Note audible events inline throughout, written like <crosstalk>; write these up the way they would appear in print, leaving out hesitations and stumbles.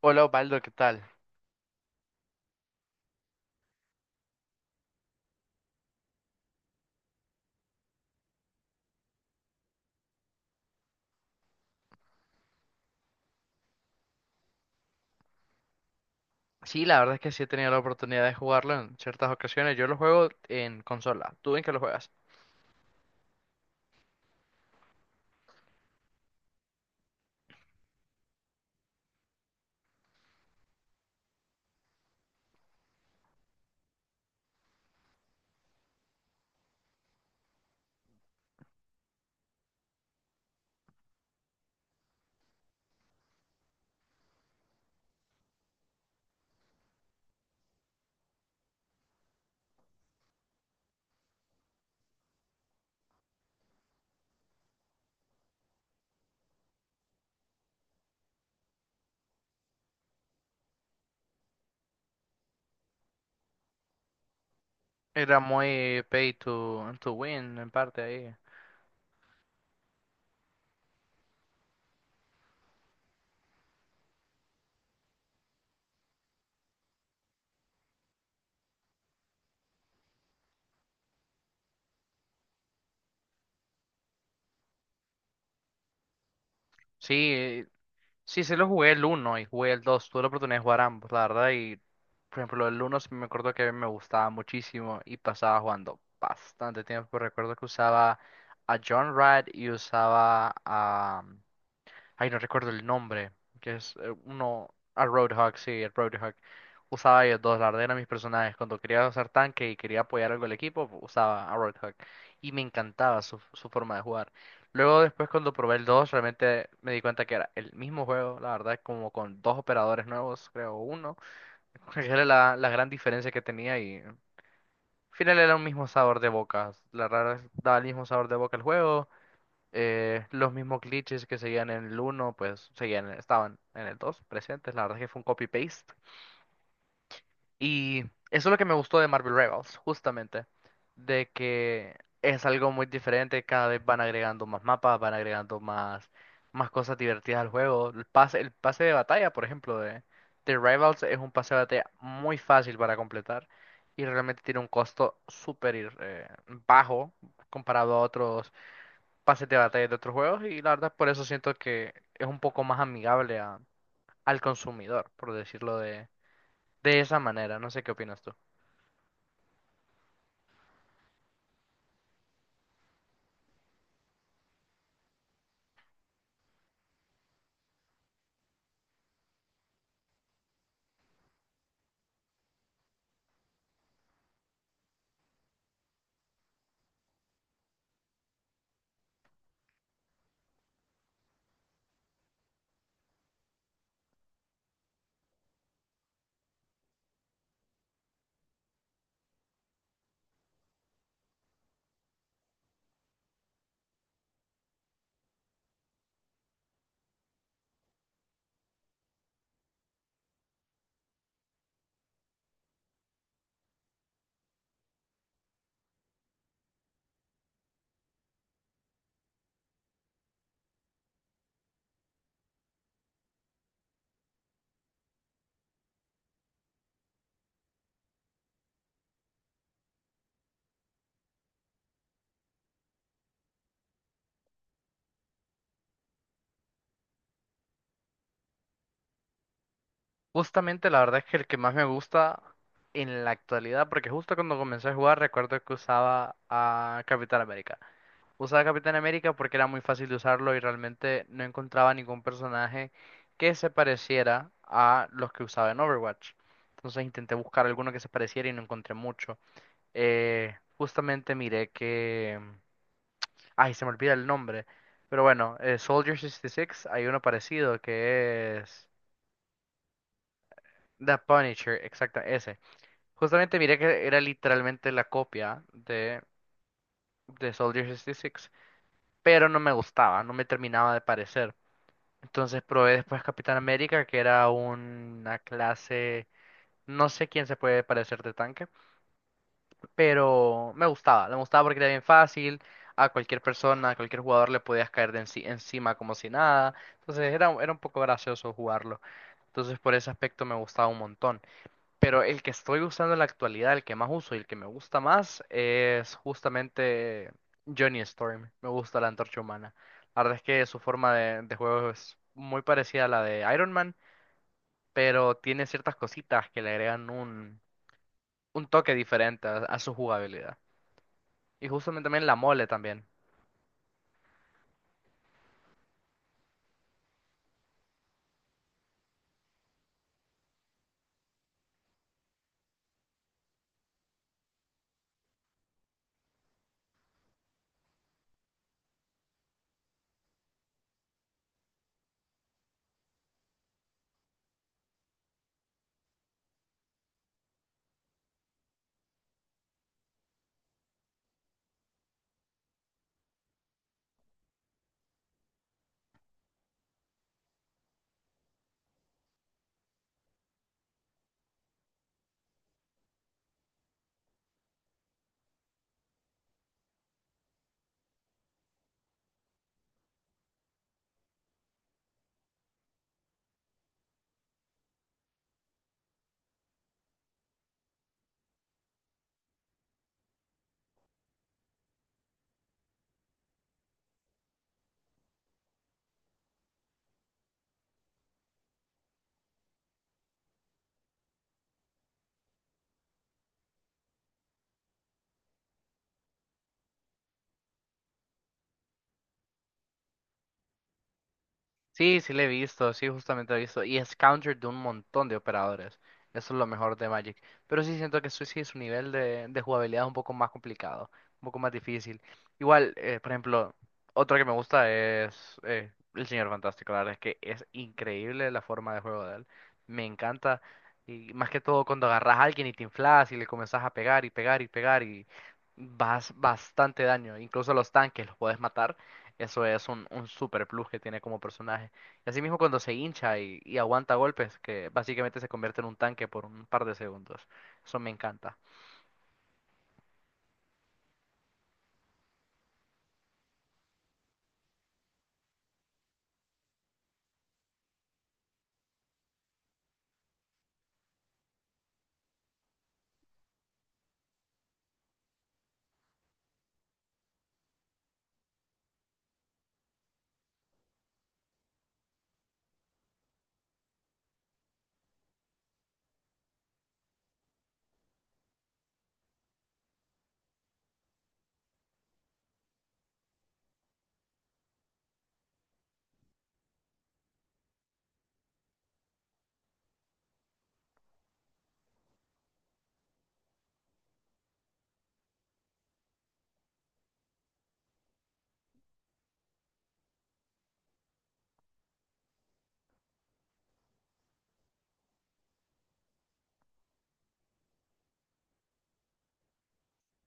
Hola Osvaldo, ¿qué tal? Sí, la verdad es que sí he tenido la oportunidad de jugarlo en ciertas ocasiones. Yo lo juego en consola. ¿Tú en qué lo juegas? Era muy pay to win en parte ahí. Sí, sí, sí, lo jugué el uno y jugué el 2. Tuve la oportunidad de jugar ambos, la verdad. Y por ejemplo, el uno, sí me acuerdo que a mí me gustaba muchísimo y pasaba jugando bastante tiempo. Recuerdo que usaba a John Rad y usaba a... Ay, no recuerdo el nombre, que es uno, al Roadhog, sí, el Roadhog. Usaba ellos dos, la verdad eran mis personajes. Cuando quería usar tanque y quería apoyar algo al equipo, usaba a Roadhog. Y me encantaba su, su forma de jugar. Luego después cuando probé el 2, realmente me di cuenta que era el mismo juego, la verdad, como con dos operadores nuevos, creo uno. <laughs> Era la, la gran diferencia que tenía y al final era un mismo sabor de boca. La verdad, daba el mismo sabor de boca el juego. Los mismos glitches que seguían en el uno, pues seguían, estaban en el 2 presentes. La verdad es que fue un copy-paste. Y eso es lo que me gustó de Marvel Rivals, justamente. De que es algo muy diferente. Cada vez van agregando más mapas, van agregando más, más cosas divertidas al juego. El pase de batalla, por ejemplo, de Rivals es un pase de batalla muy fácil para completar. Y realmente tiene un costo bajo comparado a otros pases de batalla de otros juegos y la verdad por eso siento que es un poco más amigable al consumidor, por decirlo de esa manera. No sé qué opinas tú. Justamente la verdad es que el que más me gusta en la actualidad, porque justo cuando comencé a jugar recuerdo que usaba a Capitán América. Usaba Capitán América porque era muy fácil de usarlo y realmente no encontraba ningún personaje que se pareciera a los que usaba en Overwatch. Entonces intenté buscar alguno que se pareciera y no encontré mucho. Justamente miré que... Ay, se me olvida el nombre. Pero bueno, Soldier 66, hay uno parecido que es The Punisher, exacto, ese. Justamente miré que era literalmente la copia de Soldier 66, pero no me gustaba, no me terminaba de parecer. Entonces probé después Capitán América, que era una clase... No sé quién se puede parecer de tanque, pero me gustaba porque era bien fácil, a cualquier persona, a cualquier jugador le podías caer encima como si nada, entonces era, era un poco gracioso jugarlo, entonces por ese aspecto me gustaba un montón, pero el que estoy usando en la actualidad, el que más uso y el que me gusta más es justamente Johnny Storm, me gusta la Antorcha Humana, la verdad es que su forma de juego es muy parecida a la de Iron Man, pero tiene ciertas cositas que le agregan un toque diferente a su jugabilidad. Y justamente también la mole también. Sí, sí le he visto, sí, justamente he visto. Y es counter de un montón de operadores. Eso es lo mejor de Magic. Pero sí siento que su, sí, su nivel de jugabilidad es un poco más complicado, un poco más difícil. Igual, por ejemplo, otro que me gusta es el Señor Fantástico. La verdad es que es increíble la forma de juego de él. Me encanta. Y más que todo cuando agarras a alguien y te inflas y le comenzás a pegar y pegar y pegar y vas bastante daño. Incluso a los tanques los puedes matar. Eso es un super plus que tiene como personaje. Y así mismo cuando se hincha y aguanta golpes, que básicamente se convierte en un tanque por un par de segundos. Eso me encanta.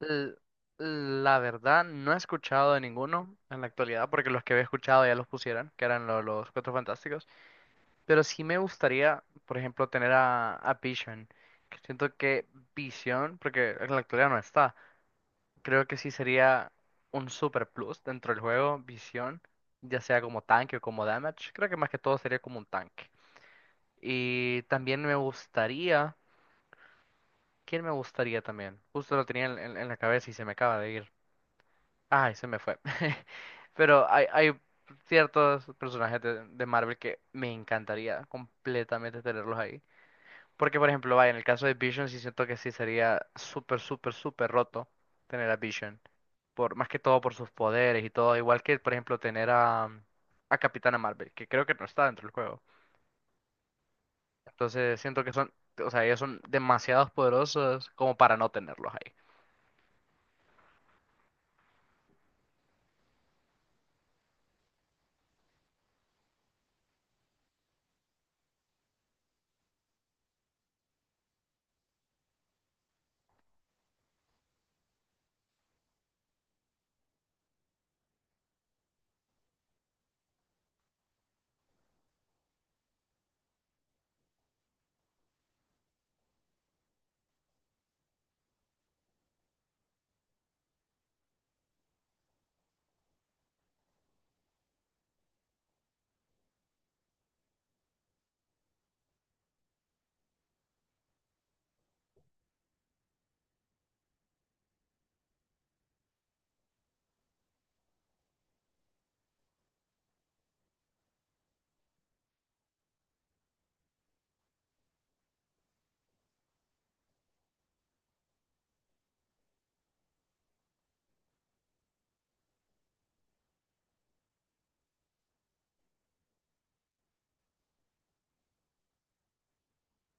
L- la verdad, no he escuchado de ninguno en la actualidad, porque los que había escuchado ya los pusieron, que eran los Cuatro Fantásticos. Pero sí me gustaría, por ejemplo, tener a Vision. Que siento que Vision, porque en la actualidad no está. Creo que sí sería un super plus dentro del juego, visión, ya sea como tanque o como damage. Creo que más que todo sería como un tanque. Y también me gustaría... ¿Quién me gustaría también? Justo lo tenía en, en la cabeza y se me acaba de ir. Ay, se me fue. <laughs> Pero hay ciertos personajes de Marvel que me encantaría completamente tenerlos ahí. Porque, por ejemplo, vaya, en el caso de Vision sí siento que sí sería súper, súper, súper roto tener a Vision. Por más que todo por sus poderes y todo, igual que por ejemplo tener a Capitana Marvel, que creo que no está dentro del juego. Entonces siento que son, o sea, ellos son demasiados poderosos como para no tenerlos ahí.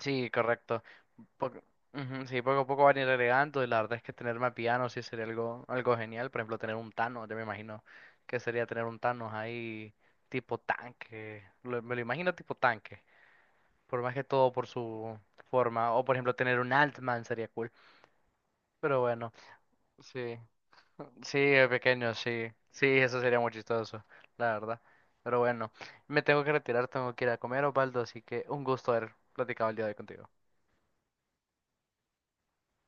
Sí, correcto. Poco- Ujú, sí, poco a poco van a ir agregando y la verdad es que tener más villanos sí sería algo, algo genial. Por ejemplo, tener un Thanos, yo me imagino que sería tener un Thanos ahí tipo tanque. Me lo imagino tipo tanque, por más que todo por su forma. O por ejemplo, tener un Altman sería cool. Pero bueno, sí. Sí, de pequeño, sí. Sí, eso sería muy chistoso, la verdad. Pero bueno, me tengo que retirar, tengo que ir a comer, Osvaldo, así que un gusto haber platicado el día de hoy contigo.